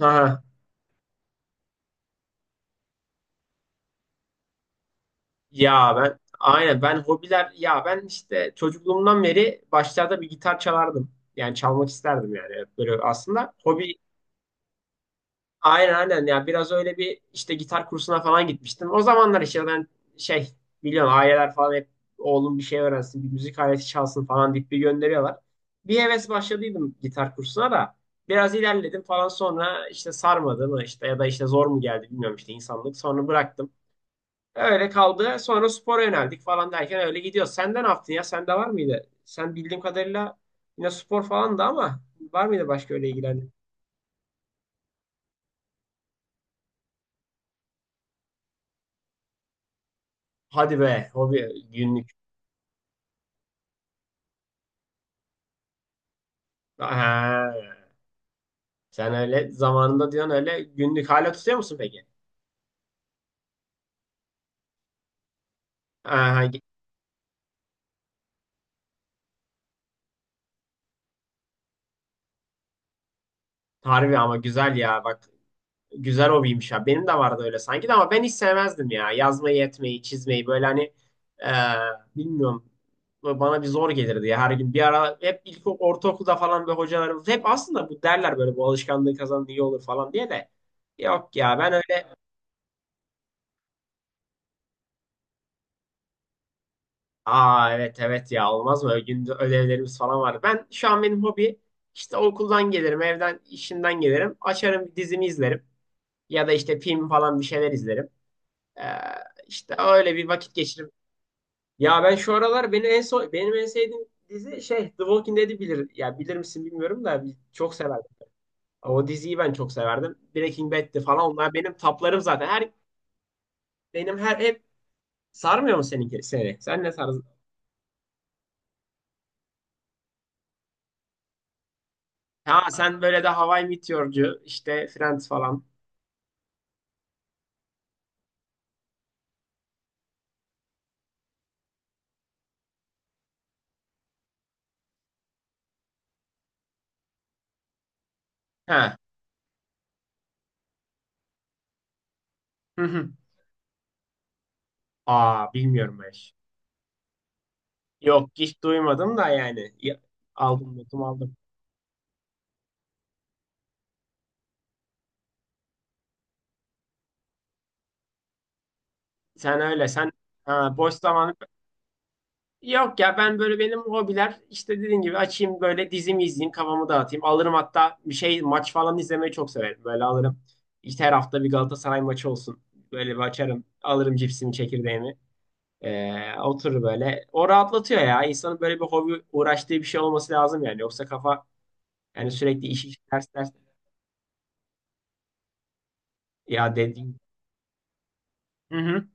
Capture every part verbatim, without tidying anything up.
Aha. Ya ben aynen ben hobiler ya ben işte çocukluğumdan beri başlarda bir gitar çalardım. Yani çalmak isterdim yani. Hep böyle aslında hobi aynen aynen ya biraz öyle bir işte gitar kursuna falan gitmiştim. O zamanlar işte ben şey biliyorsun aileler falan hep oğlum bir şey öğrensin bir müzik aleti çalsın falan deyip bir gönderiyorlar. Bir heves başladıydım gitar kursuna da biraz ilerledim falan, sonra işte sarmadı mı işte, ya da işte zor mu geldi bilmiyorum, işte insanlık sonra bıraktım. Öyle kaldı. Sonra spora yöneldik falan derken öyle gidiyor. Senden ne yaptın ya? Sende var mıydı? Sen bildiğim kadarıyla yine spor falan da, ama var mıydı başka öyle ilgilendiğin? Hadi be, hobi günlük. Ha, sen öyle zamanında diyorsun, öyle günlük hala tutuyor musun peki? Ha, harbi ama güzel ya, bak. Güzel hobiymiş ya. Benim de vardı öyle sanki de, ama ben hiç sevmezdim ya. Yazmayı, etmeyi, çizmeyi böyle hani eee, bilmiyorum. Böyle bana bir zor gelirdi ya, her gün. Bir ara hep ilk ortaokulda falan böyle hocalarımız hep aslında bu derler, böyle bu alışkanlığı kazanın iyi olur falan diye de. Yok ya, ben öyle. Aa, evet evet ya, olmaz mı? Ögünde ödevlerimiz falan vardı. Ben şu an benim hobi işte okuldan gelirim, evden, işimden gelirim. Açarım, bir dizimi izlerim. Ya da işte film falan bir şeyler izlerim. Eee işte öyle bir vakit geçirip. Ya ben şu aralar beni en son benim en sevdiğim dizi şey The Walking Dead'i bilir. Ya bilir misin bilmiyorum da çok severdim. O diziyi ben çok severdim. Breaking Bad'ti falan, onlar benim taplarım zaten. Her benim her hep sarmıyor mu seninki seni? Sen ne tarzı? Ha, sen böyle de Hawaii Meteor'cu işte Friends falan. Ha. Hı hı. Aa, bilmiyorum ben, hiç. Yok, hiç duymadım da yani. Ya- Aldım, notumu aldım. Sen öyle sen ha, boş zaman. Yok ya, ben böyle benim hobiler işte dediğim gibi, açayım böyle dizimi izleyeyim, kafamı dağıtayım. Alırım, hatta bir şey maç falan izlemeyi çok severim. Böyle alırım işte her hafta bir Galatasaray maçı olsun. Böyle bir açarım, alırım cipsimi, çekirdeğimi. Ee, oturur böyle. O rahatlatıyor ya. İnsanın böyle bir hobi, uğraştığı bir şey olması lazım yani. Yoksa kafa yani, sürekli iş iş, ders ders. Ya, dediğim. Hı hı.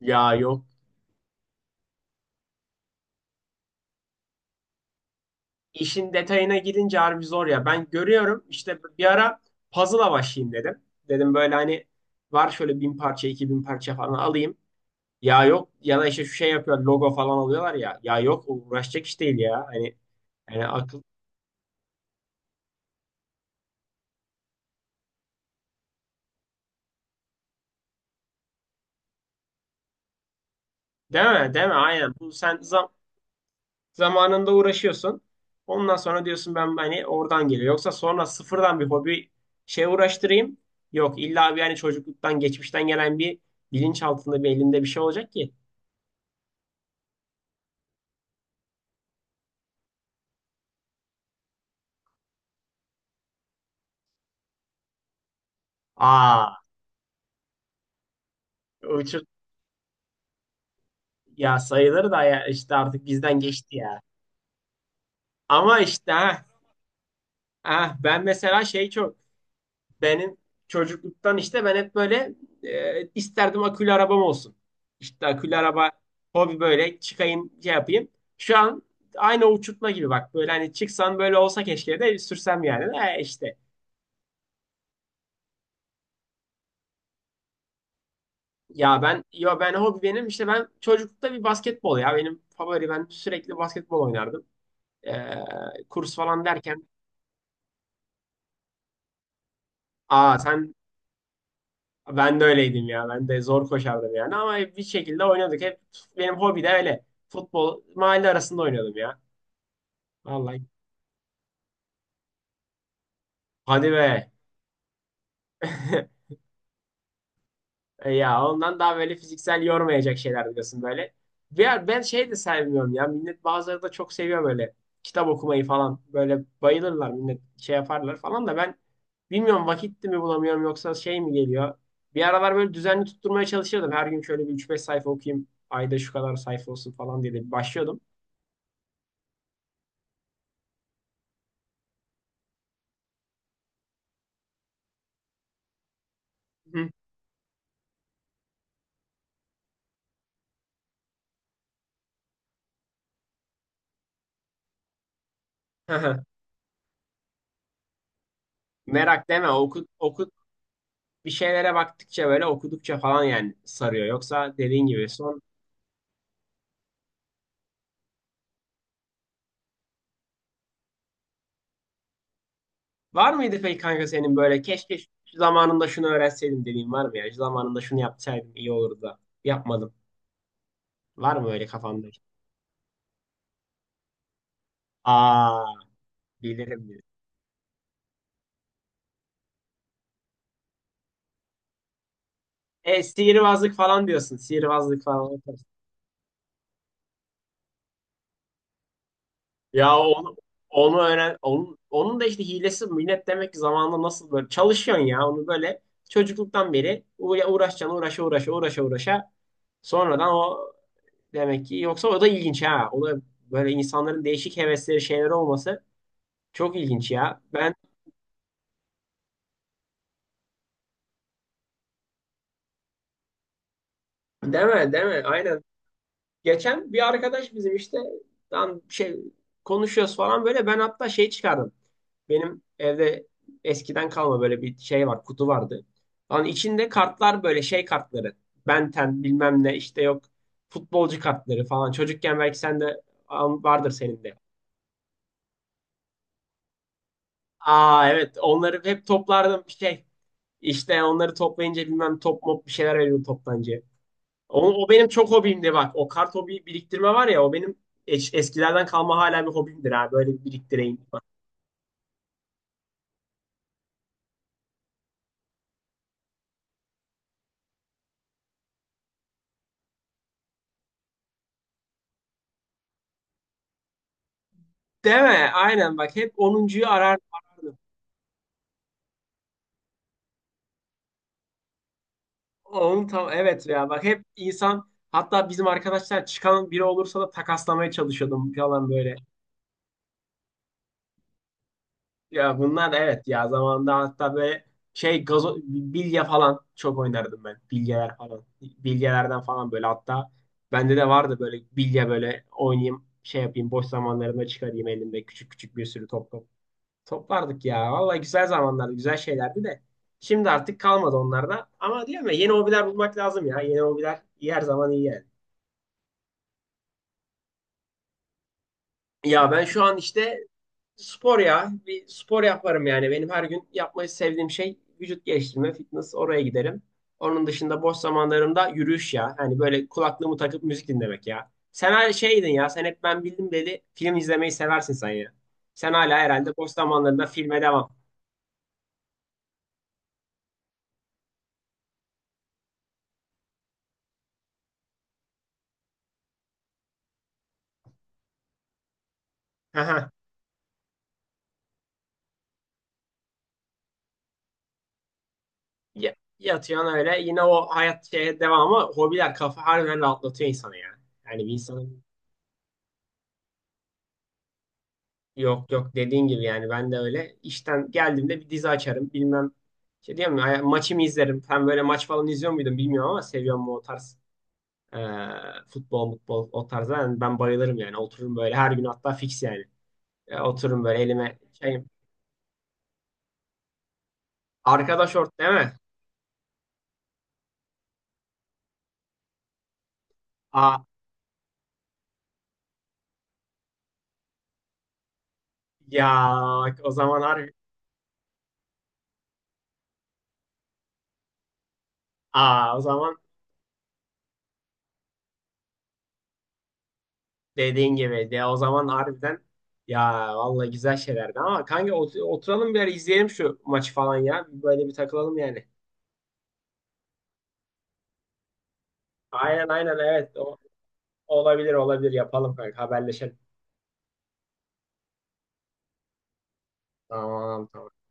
Ya yok. İşin detayına girince harbi zor ya. Ben görüyorum, işte bir ara puzzle'a başlayayım dedim. Dedim böyle hani var şöyle bin parça iki bin parça falan alayım. Ya yok, ya da işte şu şey yapıyor, logo falan alıyorlar ya. Ya yok, uğraşacak iş değil ya. Hani yani akıl, değil mi? Değil mi? Aynen. Bu sen zam zamanında uğraşıyorsun. Ondan sonra diyorsun, ben hani oradan geliyor. Yoksa sonra sıfırdan bir hobi şey uğraştırayım. Yok, illa bir hani çocukluktan, geçmişten gelen bir bilinç altında bir elinde bir şey olacak ki. Aa, uçuk ya, sayıları da ya, işte artık bizden geçti ya. Ama işte ha, ha ben mesela şey çok benim çocukluktan işte ben hep böyle e, isterdim akülü arabam olsun. İşte akülü araba hobi, böyle çıkayım şey yapayım. Şu an aynı o uçurtma gibi bak, böyle hani çıksan böyle olsa keşke de sürsem yani. E işte ya ben yo ben hobi benim işte ben çocuklukta bir basketbol ya benim favori ben sürekli basketbol oynardım. E, kurs falan derken. Aa sen, ben de öyleydim ya. Ben de zor koşardım yani. Ama hep bir şekilde oynadık. Hep benim hobi de öyle. Futbol mahalle arasında oynuyordum ya. Vallahi. Hadi be. E, ya ondan daha böyle fiziksel yormayacak şeyler diyorsun böyle. Ya ben şey de sevmiyorum ya. Millet, bazıları da çok seviyor böyle kitap okumayı falan. Böyle bayılırlar millet, şey yaparlar falan da, ben bilmiyorum vakit mi bulamıyorum yoksa şey mi geliyor. Bir aralar böyle düzenli tutturmaya çalışıyordum. Her gün şöyle bir üç beş sayfa okuyayım, ayda şu kadar sayfa olsun falan diye de başlıyordum. Hı. Hı hı. Merak deme, oku, oku, bir şeylere baktıkça böyle okudukça falan yani sarıyor. Yoksa dediğin gibi son. Var mıydı peki kanka senin böyle keşke şu zamanında şunu öğrenseydim dediğin var mı ya? Şu zamanında şunu yapsaydım iyi olurdu da yapmadım. Var mı öyle kafanda? Aa, bilirim bilirim. E, sihirbazlık falan diyorsun. Sihirbazlık falan. Ya onu onu öğren, onun onun da işte hilesi minnet demek ki, zamanında nasıl böyle çalışıyorsun ya onu böyle çocukluktan beri uğra- uğraşacaksın, uğraşa uğraşa uğraşa uğraşa sonradan o demek ki, yoksa o da ilginç ha, o da böyle insanların değişik hevesleri, şeyleri olması çok ilginç ya ben. Deme deme, aynen. Geçen bir arkadaş bizim işte lan şey konuşuyoruz falan, böyle ben hatta şey çıkardım. Benim evde eskiden kalma böyle bir şey var, kutu vardı. Lan içinde kartlar, böyle şey kartları. Ben Ten bilmem ne işte, yok, futbolcu kartları falan. Çocukken belki sen de al- vardır senin de. Aa, evet, onları hep toplardım bir şey. İşte onları toplayınca bilmem top mop bir şeyler veriyordu toptancıya. O, o benim çok hobimdi bak. O kart hobi biriktirme var ya, o benim eş- eskilerden kalma hala bir hobimdir ha. Böyle bir biriktireyim. Değil mi? Aynen, bak hep onuncuyu arar, arardım. Onun tam, evet ya, bak hep insan, hatta bizim arkadaşlar çıkan biri olursa da takaslamaya çalışıyordum falan böyle. Ya bunlar da evet ya, zamanında hatta böyle şey gazo, bilye falan çok oynardım ben. Bilyeler falan. Bilyelerden falan böyle, hatta bende de vardı böyle bilye, böyle oynayayım şey yapayım boş zamanlarımda, çıkarayım elimde küçük küçük bir sürü top top. Toplardık ya. Vallahi güzel zamanlardı, güzel şeylerdi de. Şimdi artık kalmadı onlarda. Ama diyorum ya, yeni hobiler bulmak lazım ya. Yeni hobiler iyi, her zaman iyi yani. Ya ben şu an işte spor ya. Bir spor yaparım yani. Benim her gün yapmayı sevdiğim şey vücut geliştirme, fitness, oraya giderim. Onun dışında boş zamanlarımda yürüyüş ya. Hani böyle kulaklığımı takıp müzik dinlemek ya. Sen her şeydin ya. Sen hep ben bildim dedi. Film izlemeyi seversin sen ya. Sen hala herhalde boş zamanlarında filme devam. Aha. Ya- Yatıyorsun öyle. Yine o hayat şeye devam, ama hobiler kafa harbiden rahatlatıyor insanı ya. Yani bir insanın, yok yok, dediğin gibi yani ben de öyle. İşten geldiğimde bir dizi açarım bilmem. Şey diyeyim mi ay- maçımı izlerim. Ben böyle maç falan izliyor muydun bilmiyorum, ama seviyorum mu o tarz e, futbol futbol o tarzda yani ben bayılırım yani, otururum böyle her gün, hatta fix yani. E, otururum böyle elime şey, arkadaş ort değil mi? Aa, ya o zaman harbi, aa, o zaman dediğin gibi de, o zaman harbiden ya, vallahi güzel şeylerdi ama kanka ot- oturalım bir ara, izleyelim şu maçı falan ya. Böyle bir takılalım yani. Aynen aynen, evet. O, olabilir olabilir, yapalım kanka, haberleşelim. Tamam tamam.